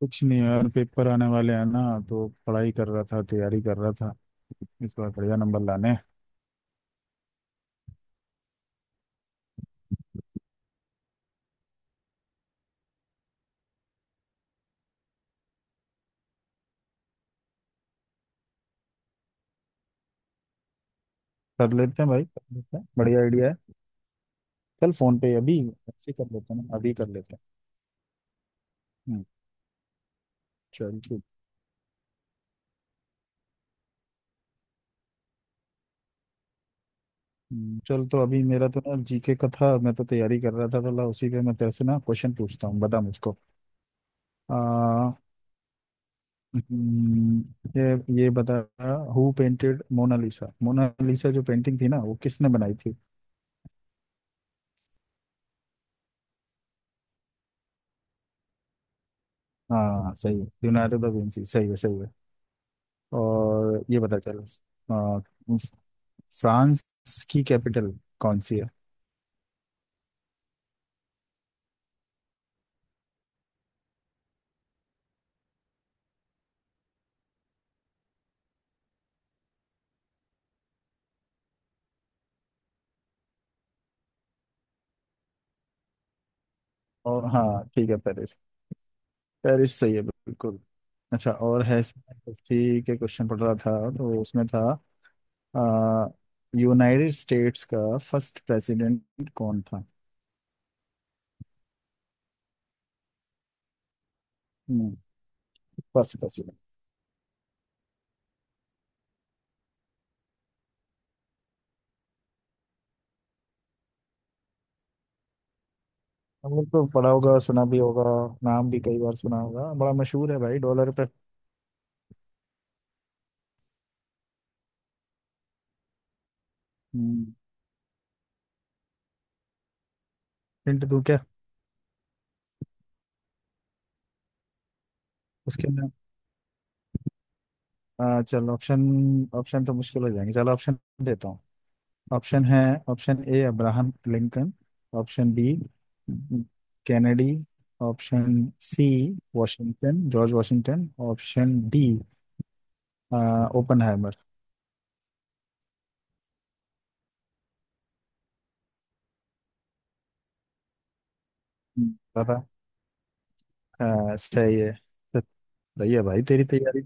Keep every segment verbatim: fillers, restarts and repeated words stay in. कुछ नहीं यार, पेपर आने वाले हैं ना। तो पढ़ाई कर रहा था, तैयारी कर रहा था। इस बार बढ़िया नंबर लाने हैं। कर लेते हैं भाई, कर लेते हैं, बढ़िया आइडिया है। चल फोन पे अभी ऐसे ही कर लेते हैं ना, अभी कर लेते हैं। हम्म, चल ठीक। हम्म, चल तो अभी मेरा तो ना जीके का था, मैं तो तैयारी कर रहा था तो ला उसी पे मैं तेरे से ना क्वेश्चन पूछता हूँ, बता मुझको। आ, हम्म, ये ये बता। हु पेंटेड मोनालिसा? मोनालिसा जो पेंटिंग थी ना, वो किसने बनाई थी? हाँ सही है, लियोनार्डो दा विंची सही है, सही है। और ये पता चल अ, फ्रांस की कैपिटल कौन सी है? और हाँ ठीक है, पेरिस। पेरिस सही है बिल्कुल। अच्छा, और है, हिस्ट्री के क्वेश्चन पढ़ रहा था तो उसमें था अ, यूनाइटेड स्टेट्स का फर्स्ट प्रेसिडेंट कौन था? हम्म, फर्स्ट प्रेसिडेंट। हमने तो पढ़ा होगा, सुना भी होगा। नाम भी कई बार सुना होगा, बड़ा मशहूर है भाई डॉलर पे। हम्म, हिंट दूं क्या? उसके अंदर अ, चलो ऑप्शन। ऑप्शन तो मुश्किल हो जाएंगे, चलो ऑप्शन देता हूँ। ऑप्शन है। Option A Abraham Lincoln. Option B Kennedy. Option C Washington, George Washington. Option D Oppenheimer. पता हाँ, सही है। तो सही है भाई तेरी तैयारी।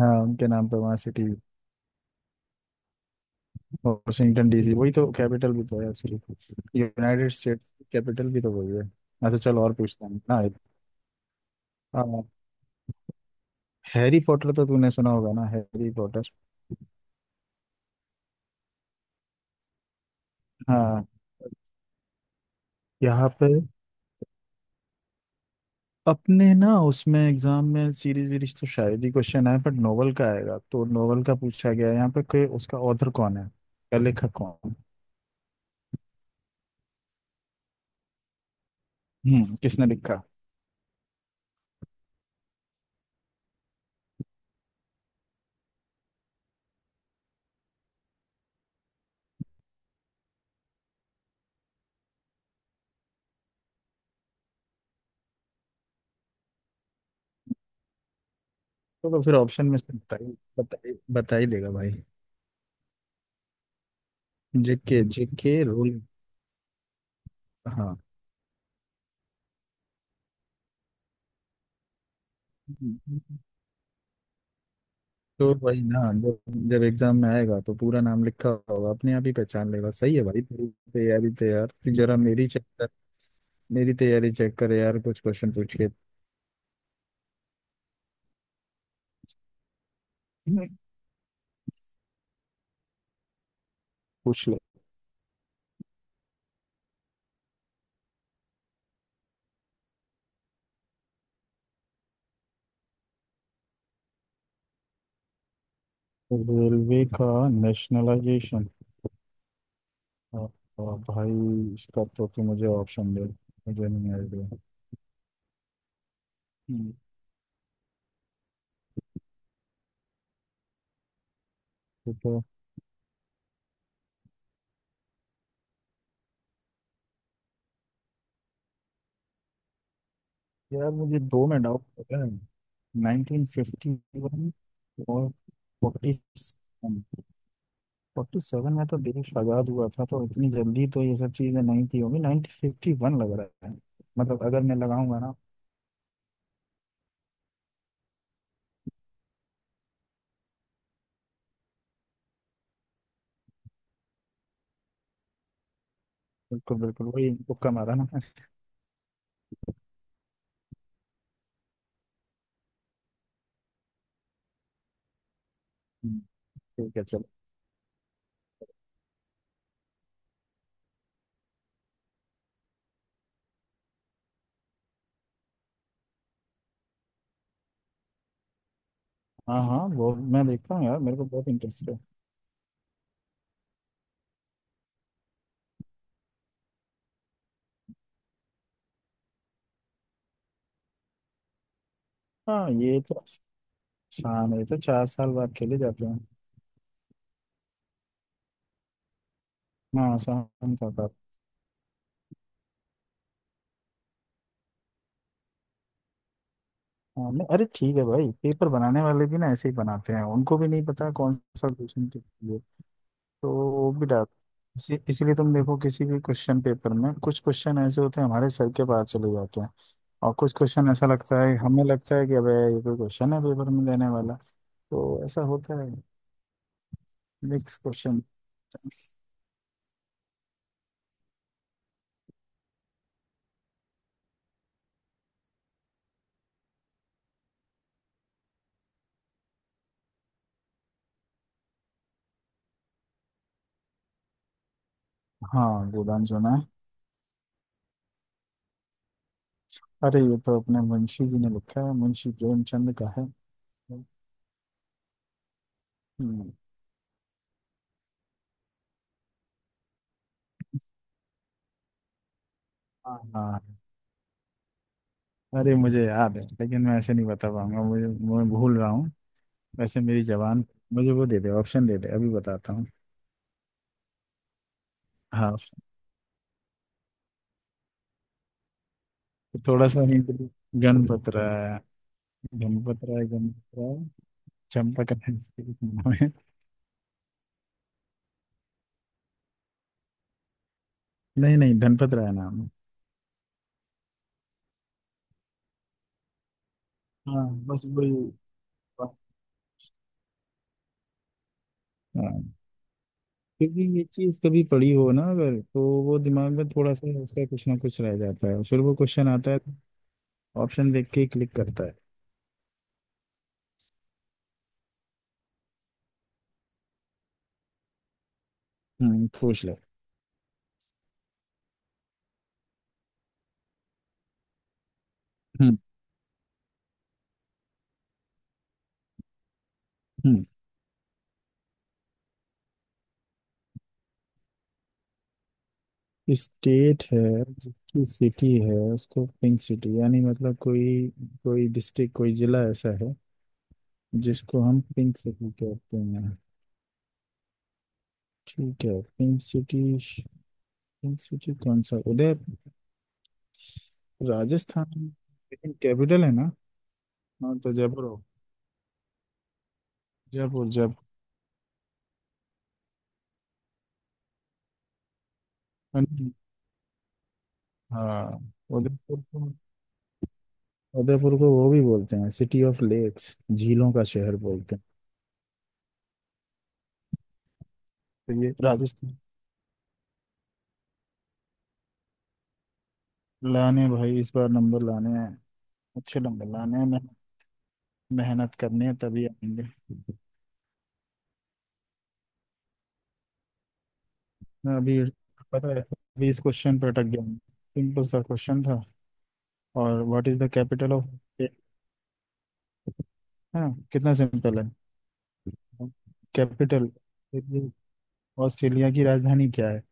हाँ उनके नाम पे वहाँ सिटी। वॉशिंगटन डीसी वही तो कैपिटल भी तो है, सिर्फ यूनाइटेड स्टेट्स कैपिटल भी तो वही है। अच्छा, चल और पूछता हूँ ना। हैरी पॉटर तो तूने सुना होगा ना, हैरी पॉटर। हाँ यहाँ पे अपने ना उसमें एग्जाम में सीरीज वीरीज तो शायद ही क्वेश्चन आए, बट नोवेल का आएगा। तो नोवेल का पूछा गया है यहाँ पे कि उसका ऑथर कौन है या लेखक कौन। हम्म, किसने लिखा? तो, तो फिर ऑप्शन में से बता ही, बता ही बता ही देगा भाई। जेके, जेके रोल। हाँ तो वही ना, जब जब एग्जाम में आएगा तो पूरा नाम लिखा होगा, अपने आप ही पहचान लेगा। सही है भाई तेरी तैयारी, तो यार तू जरा मेरी चेक कर। मेरी तैयारी चेक कर यार, कुछ क्वेश्चन पूछ के। पूछ। रेलवे का नेशनलाइजेशन? भाई इसका तो तू मुझे ऑप्शन दे, मुझे नहीं आइडिया। हम्म, तो, तो यार मुझे दो में डाउट पता है। नाइन्टीन फ़िफ़्टी वन और फ़ोर्टी सेवन। फ़ोर्टी सेवन में तो देश आजाद हुआ था, तो इतनी जल्दी तो ये सब चीजें नहीं थी होंगी। नाइन्टीन फ़िफ़्टी वन लग रहा है। मतलब अगर मैं लगाऊंगा ना। बिल्कुल बिल्कुल, वही तुक्का मारा ना। हम्म, ठीक है चलो। हाँ हाँ, वो मैं देखता हूँ यार, मेरे को बहुत इंटरेस्ट है। हाँ ये तो शाम, ये तो चार साल बाद खेले जाते हैं। हाँ शाम का कप। हाँ, नहीं, अरे ठीक है भाई, पेपर बनाने वाले भी ना ऐसे ही बनाते हैं, उनको भी नहीं पता कौन सा क्वेश्चन किसके लिए। तो वो भी डाल। इसी- इसीलिए तुम देखो किसी भी क्वेश्चन पेपर में कुछ क्वेश्चन ऐसे होते हैं हमारे सर के बाहर चले जाते हैं। और कुछ क्वेश्चन ऐसा लगता है, हमें लगता है कि अबे ये कोई क्वेश्चन है पेपर में देने वाला। तो ऐसा होता है, मिक्स क्वेश्चन। हाँ गोदान सुना है। अरे ये तो अपने मुंशी जी ने लिखा है, मुंशी प्रेमचंद का है। हम्म, हाँ हाँ, अरे मुझे याद है लेकिन मैं ऐसे नहीं बता पाऊंगा, मुझे, मैं भूल रहा हूँ। वैसे मेरी जबान, मुझे वो दे दे, ऑप्शन दे दे, अभी बताता हूँ। हाँ option। थोड़ा सा हिंट। गणपत राय, गणपत राय, गणपत राय, चंपक राय इसके नाम है। नहीं नहीं, धनपत राय नाम है। हाँ बस वही। हाँ, क्योंकि ये चीज कभी पड़ी हो ना अगर, तो वो दिमाग में थोड़ा सा उसका कुछ ना कुछ रह जाता है, फिर वो क्वेश्चन आता है। ऑप्शन देख के क्लिक करता है। हम्म, पूछ ले। हम्म, स्टेट है जिसकी सिटी है उसको पिंक सिटी, यानी मतलब कोई, कोई डिस्ट्रिक्ट कोई जिला ऐसा है जिसको हम पिंक सिटी कहते हैं। ठीक है, पिंक सिटी। पिंक सिटी कौन सा, उदय, राजस्थान कैपिटल है ना। हाँ तो जयपुर हो। जयपुर जयपुर। हाँ उदयपुर को। उदयपुर को वो भी बोलते हैं, सिटी ऑफ लेक्स, झीलों का शहर बोलते हैं। तो ये राजस्थान। लाने भाई, इस बार नंबर लाने हैं, अच्छे नंबर लाने हैं। मेहनत करनी है तभी आएंगे। मैं अभी, पता है अभी इस क्वेश्चन पर अटक गया हूँ। सिंपल सा क्वेश्चन था। और what is the capital of है ना, कितना सिंपल है। कैपिटल, ऑस्ट्रेलिया की राजधानी क्या है?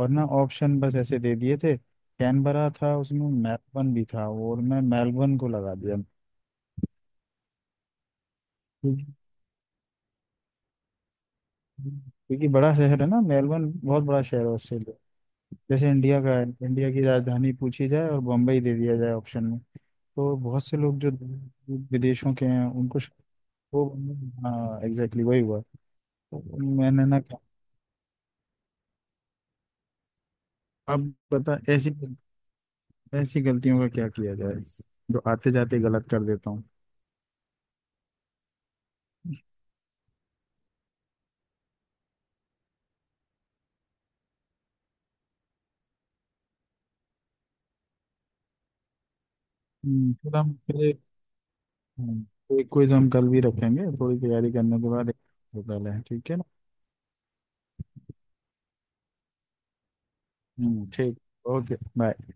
और ना ऑप्शन बस ऐसे दे दिए थे, कैनबरा था उसमें, मेलबर्न भी था, और मैं मेलबर्न को लगा दिया। क्योंकि क्योंकि बड़ा शहर है ना मेलबर्न, बहुत बड़ा शहर है ऑस्ट्रेलिया। जैसे इंडिया का है, इंडिया की राजधानी पूछी जाए और बम्बई दे दिया जाए ऑप्शन में, तो बहुत से लोग जो विदेशों के हैं उनको श-। वो, हाँ एग्जैक्टली वही हुआ। मैंने ना कहा, अब बता ऐसी ऐसी गलतियों का क्या किया जाए, जो आते जाते गलत कर देता हूँ। हम्म, फिर हम फिर एक। हम्म, तो एक क्विज हम कल भी रखेंगे थोड़ी तैयारी करने के बाद एक- तो पहले ठीक है ना। हम्म, ठीक। Okay bye.